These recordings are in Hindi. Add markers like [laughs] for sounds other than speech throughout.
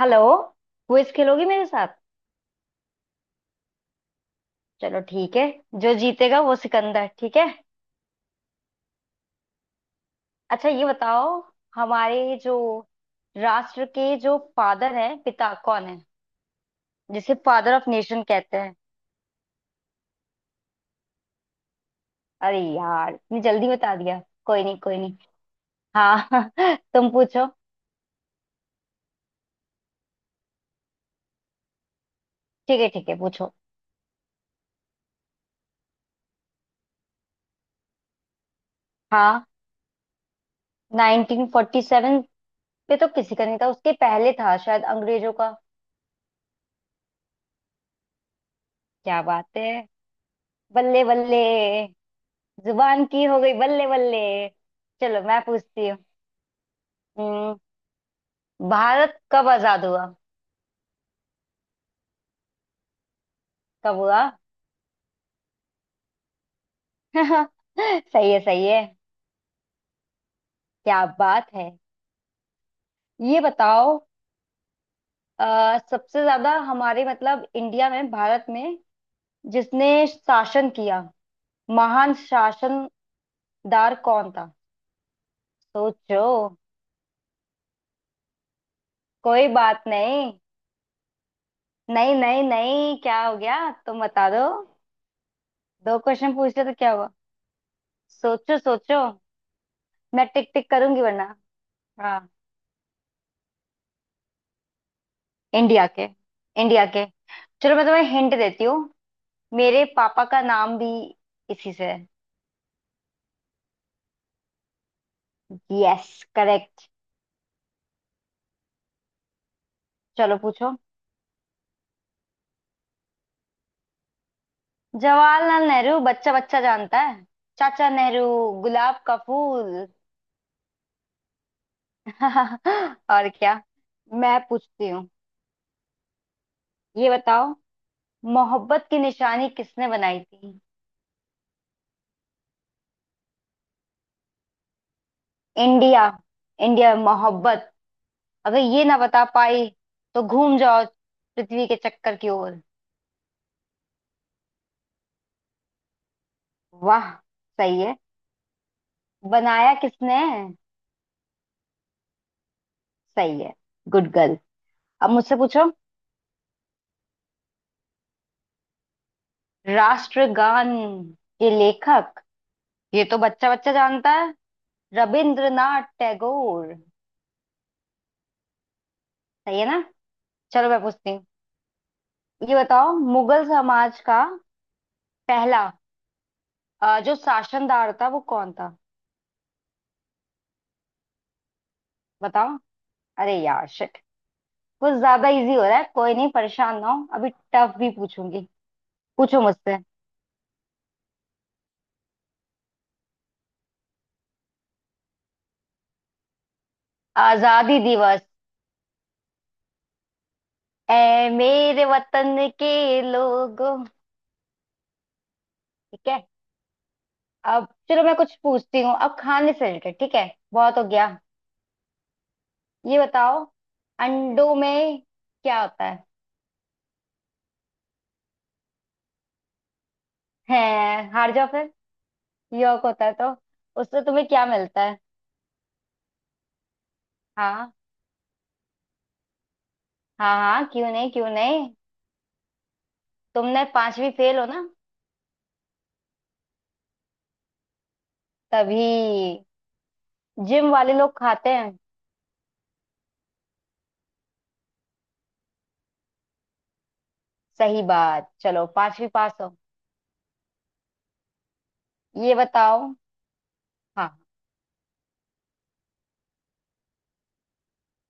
हेलो। क्विज खेलोगी मेरे साथ? चलो ठीक है। जो जीतेगा वो सिकंदर, ठीक है। अच्छा ये बताओ। हमारे जो राष्ट्र के जो फादर हैं, पिता कौन है, जिसे फादर ऑफ नेशन कहते हैं? अरे यार इतनी जल्दी बता दिया। कोई नहीं कोई नहीं। हाँ [laughs] तुम पूछो। ठीक है पूछो। हाँ 1947 पे तो किसी का नहीं था, उसके पहले था शायद अंग्रेजों का। क्या बात है, बल्ले बल्ले। जुबान की हो गई बल्ले बल्ले। चलो मैं पूछती हूँ। हम्म, भारत कब आजाद हुआ? कब हुआ? [laughs] सही है सही है। क्या बात है। ये बताओ। सबसे ज्यादा हमारे, मतलब इंडिया में, भारत में जिसने शासन किया, महान शासनदार कौन था? सोचो। कोई बात नहीं। नहीं नहीं नहीं, क्या हो गया? तुम बता दो। दो क्वेश्चन पूछ लिया तो क्या हुआ? सोचो सोचो। मैं टिक टिक करूंगी वरना। हाँ। इंडिया के, इंडिया के। चलो मैं तुम्हें हिंट देती हूँ। मेरे पापा का नाम भी इसी से है। Yes correct. चलो पूछो। जवाहरलाल नेहरू, बच्चा बच्चा जानता है। चाचा नेहरू, गुलाब का फूल [laughs] और क्या, मैं पूछती हूँ। ये बताओ। मोहब्बत की निशानी किसने बनाई थी? इंडिया, इंडिया मोहब्बत। अगर ये ना बता पाई तो घूम जाओ, पृथ्वी के चक्कर की ओर। वाह। सही है। बनाया किसने? सही है, गुड गर्ल। अब मुझसे पूछो। राष्ट्रगान के लेखक, ये तो बच्चा बच्चा जानता है। रविंद्रनाथ टैगोर। सही है ना? चलो मैं पूछती हूँ। ये बताओ, मुगल समाज का पहला जो शासनदार था, वो कौन था? बताओ। अरे यार शिट। कुछ ज्यादा इजी हो रहा है, कोई नहीं, परेशान ना हो, अभी टफ भी पूछूंगी। पूछो मुझसे। आजादी दिवस। ऐ मेरे वतन के लोगों ठीक है। अब चलो मैं कुछ पूछती हूँ, अब खाने से रिलेटेड, ठीक है। बहुत हो गया। ये बताओ, अंडों में क्या होता है? है, हार जाओ फिर। यॉक होता है तो उससे तुम्हें क्या मिलता है? हाँ हाँ, हाँ क्यों नहीं क्यों नहीं। तुमने पांचवी फेल हो ना, तभी। जिम वाले लोग खाते हैं। सही बात, चलो पांचवी पास हो। ये बताओ। हाँ।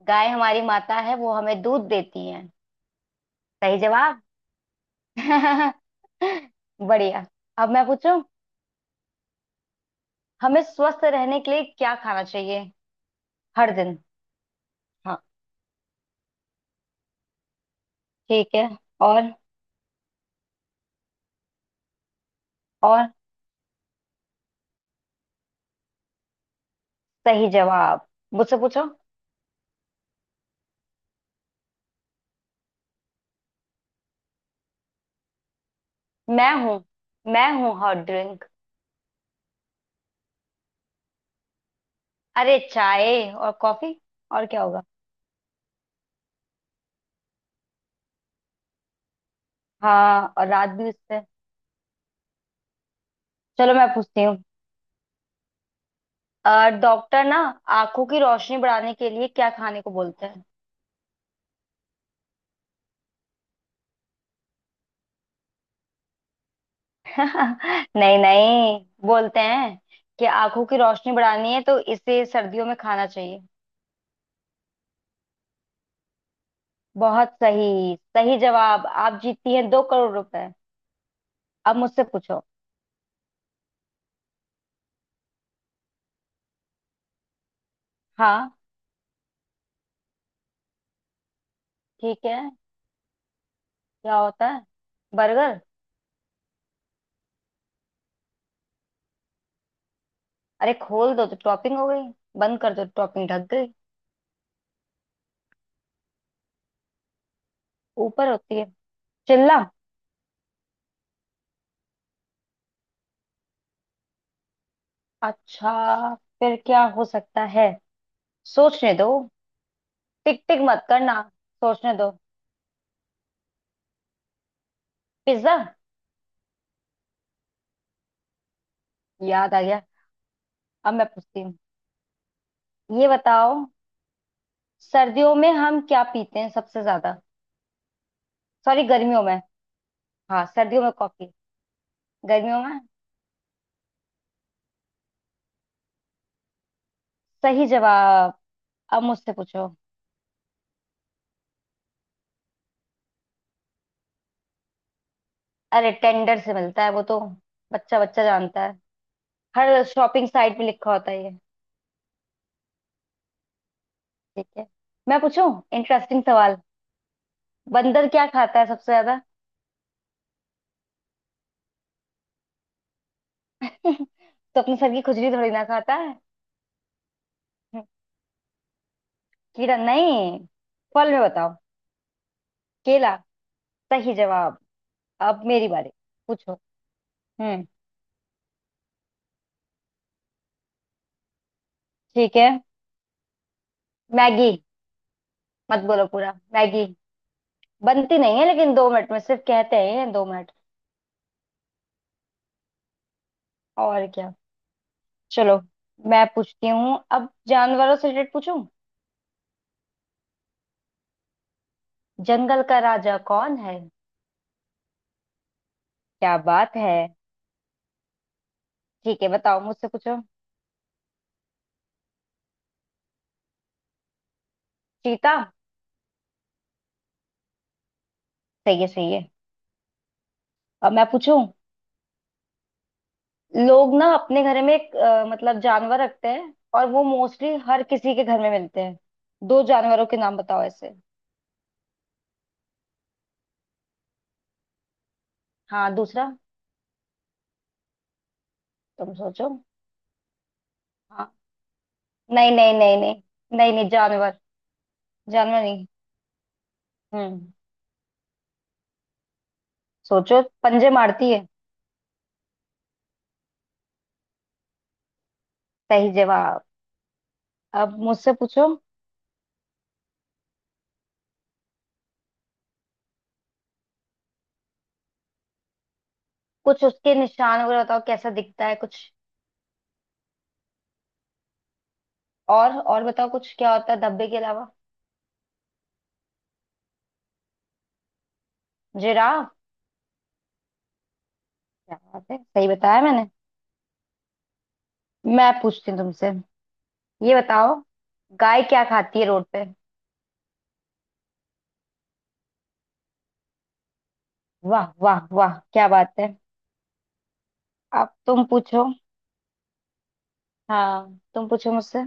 गाय हमारी माता है, वो हमें दूध देती है। सही जवाब [laughs] बढ़िया। अब मैं पूछूं, हमें स्वस्थ रहने के लिए क्या खाना चाहिए हर दिन? हाँ ठीक है। और। और। सही जवाब। मुझसे पूछो। मैं हूँ, मैं हूँ हॉट ड्रिंक। अरे चाय और कॉफी, और क्या होगा। हाँ, और रात भी उससे। चलो मैं पूछती हूँ। डॉक्टर ना, आंखों की रोशनी बढ़ाने के लिए क्या खाने को बोलते हैं? [laughs] नहीं नहीं, बोलते हैं कि आंखों की रोशनी बढ़ानी है तो इसे सर्दियों में खाना चाहिए। बहुत सही, सही जवाब, आप जीतती हैं 2 करोड़ रुपए। अब मुझसे पूछो। हाँ ठीक है। क्या होता है? बर्गर। अरे खोल दो तो टॉपिंग हो गई, बंद कर दो तो टॉपिंग ढक गई। ऊपर होती है। चिल्ला। अच्छा फिर क्या हो सकता है? सोचने दो। टिक टिक मत करना, सोचने दो। पिज्जा। याद आ गया। अब मैं पूछती हूँ। ये बताओ, सर्दियों में हम क्या पीते हैं सबसे ज्यादा? सॉरी, गर्मियों में। हाँ, सर्दियों में कॉफी। गर्मियों में। सही जवाब। अब मुझसे पूछो। अरे टेंडर से मिलता है वो तो, बच्चा बच्चा जानता है। हर शॉपिंग साइट में लिखा होता है ये। ठीक है, मैं पूछूं। इंटरेस्टिंग सवाल। बंदर क्या खाता है सबसे ज्यादा? [laughs] तो अपने सर की खुजली थोड़ी ना खाता है। [laughs] कीड़ा नहीं, फल में बताओ। केला। सही जवाब। अब मेरी बारी, पूछो। हम्म, ठीक है। मैगी। मत बोलो पूरा मैगी। बनती नहीं है लेकिन, 2 मिनट में सिर्फ कहते हैं ये, 2 मिनट। और क्या। चलो, मैं पूछती हूँ अब जानवरों से रिलेटेड पूछूं। जंगल का राजा कौन है? क्या बात है। ठीक है, बताओ मुझसे पूछो। चीता। सही है सही है। अब मैं पूछूं, लोग ना अपने घर में एक मतलब जानवर रखते हैं, और वो मोस्टली हर किसी के घर में मिलते हैं। दो जानवरों के नाम बताओ ऐसे। हाँ, दूसरा। तुम सोचो। हाँ। नहीं नहीं नहीं नहीं। नहीं नहीं, जानवर। जानवर नहीं। हम्म। सोचो, पंजे मारती है। सही जवाब। अब मुझसे पूछो। कुछ उसके निशान वगैरह बताओ, कैसा दिखता है कुछ। और बताओ कुछ, क्या होता है धब्बे के अलावा? जिराफ। क्या बात है, सही बताया मैंने। मैं पूछती हूँ तुमसे। ये बताओ, गाय क्या खाती है रोड पे? वाह वाह वाह, क्या बात है। अब तुम पूछो। हाँ, तुम पूछो मुझसे।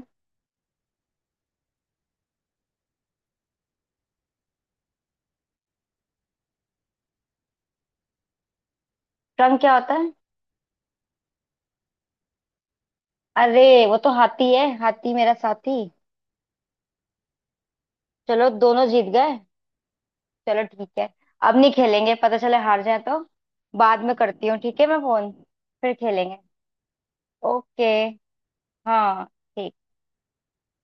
रंग क्या होता है? अरे वो तो हाथी है, हाथी मेरा साथी। चलो दोनों जीत गए। चलो ठीक है। अब नहीं खेलेंगे, पता चले हार जाए तो। बाद में करती हूँ, ठीक है मैं फोन। फिर खेलेंगे। ओके। हाँ ठीक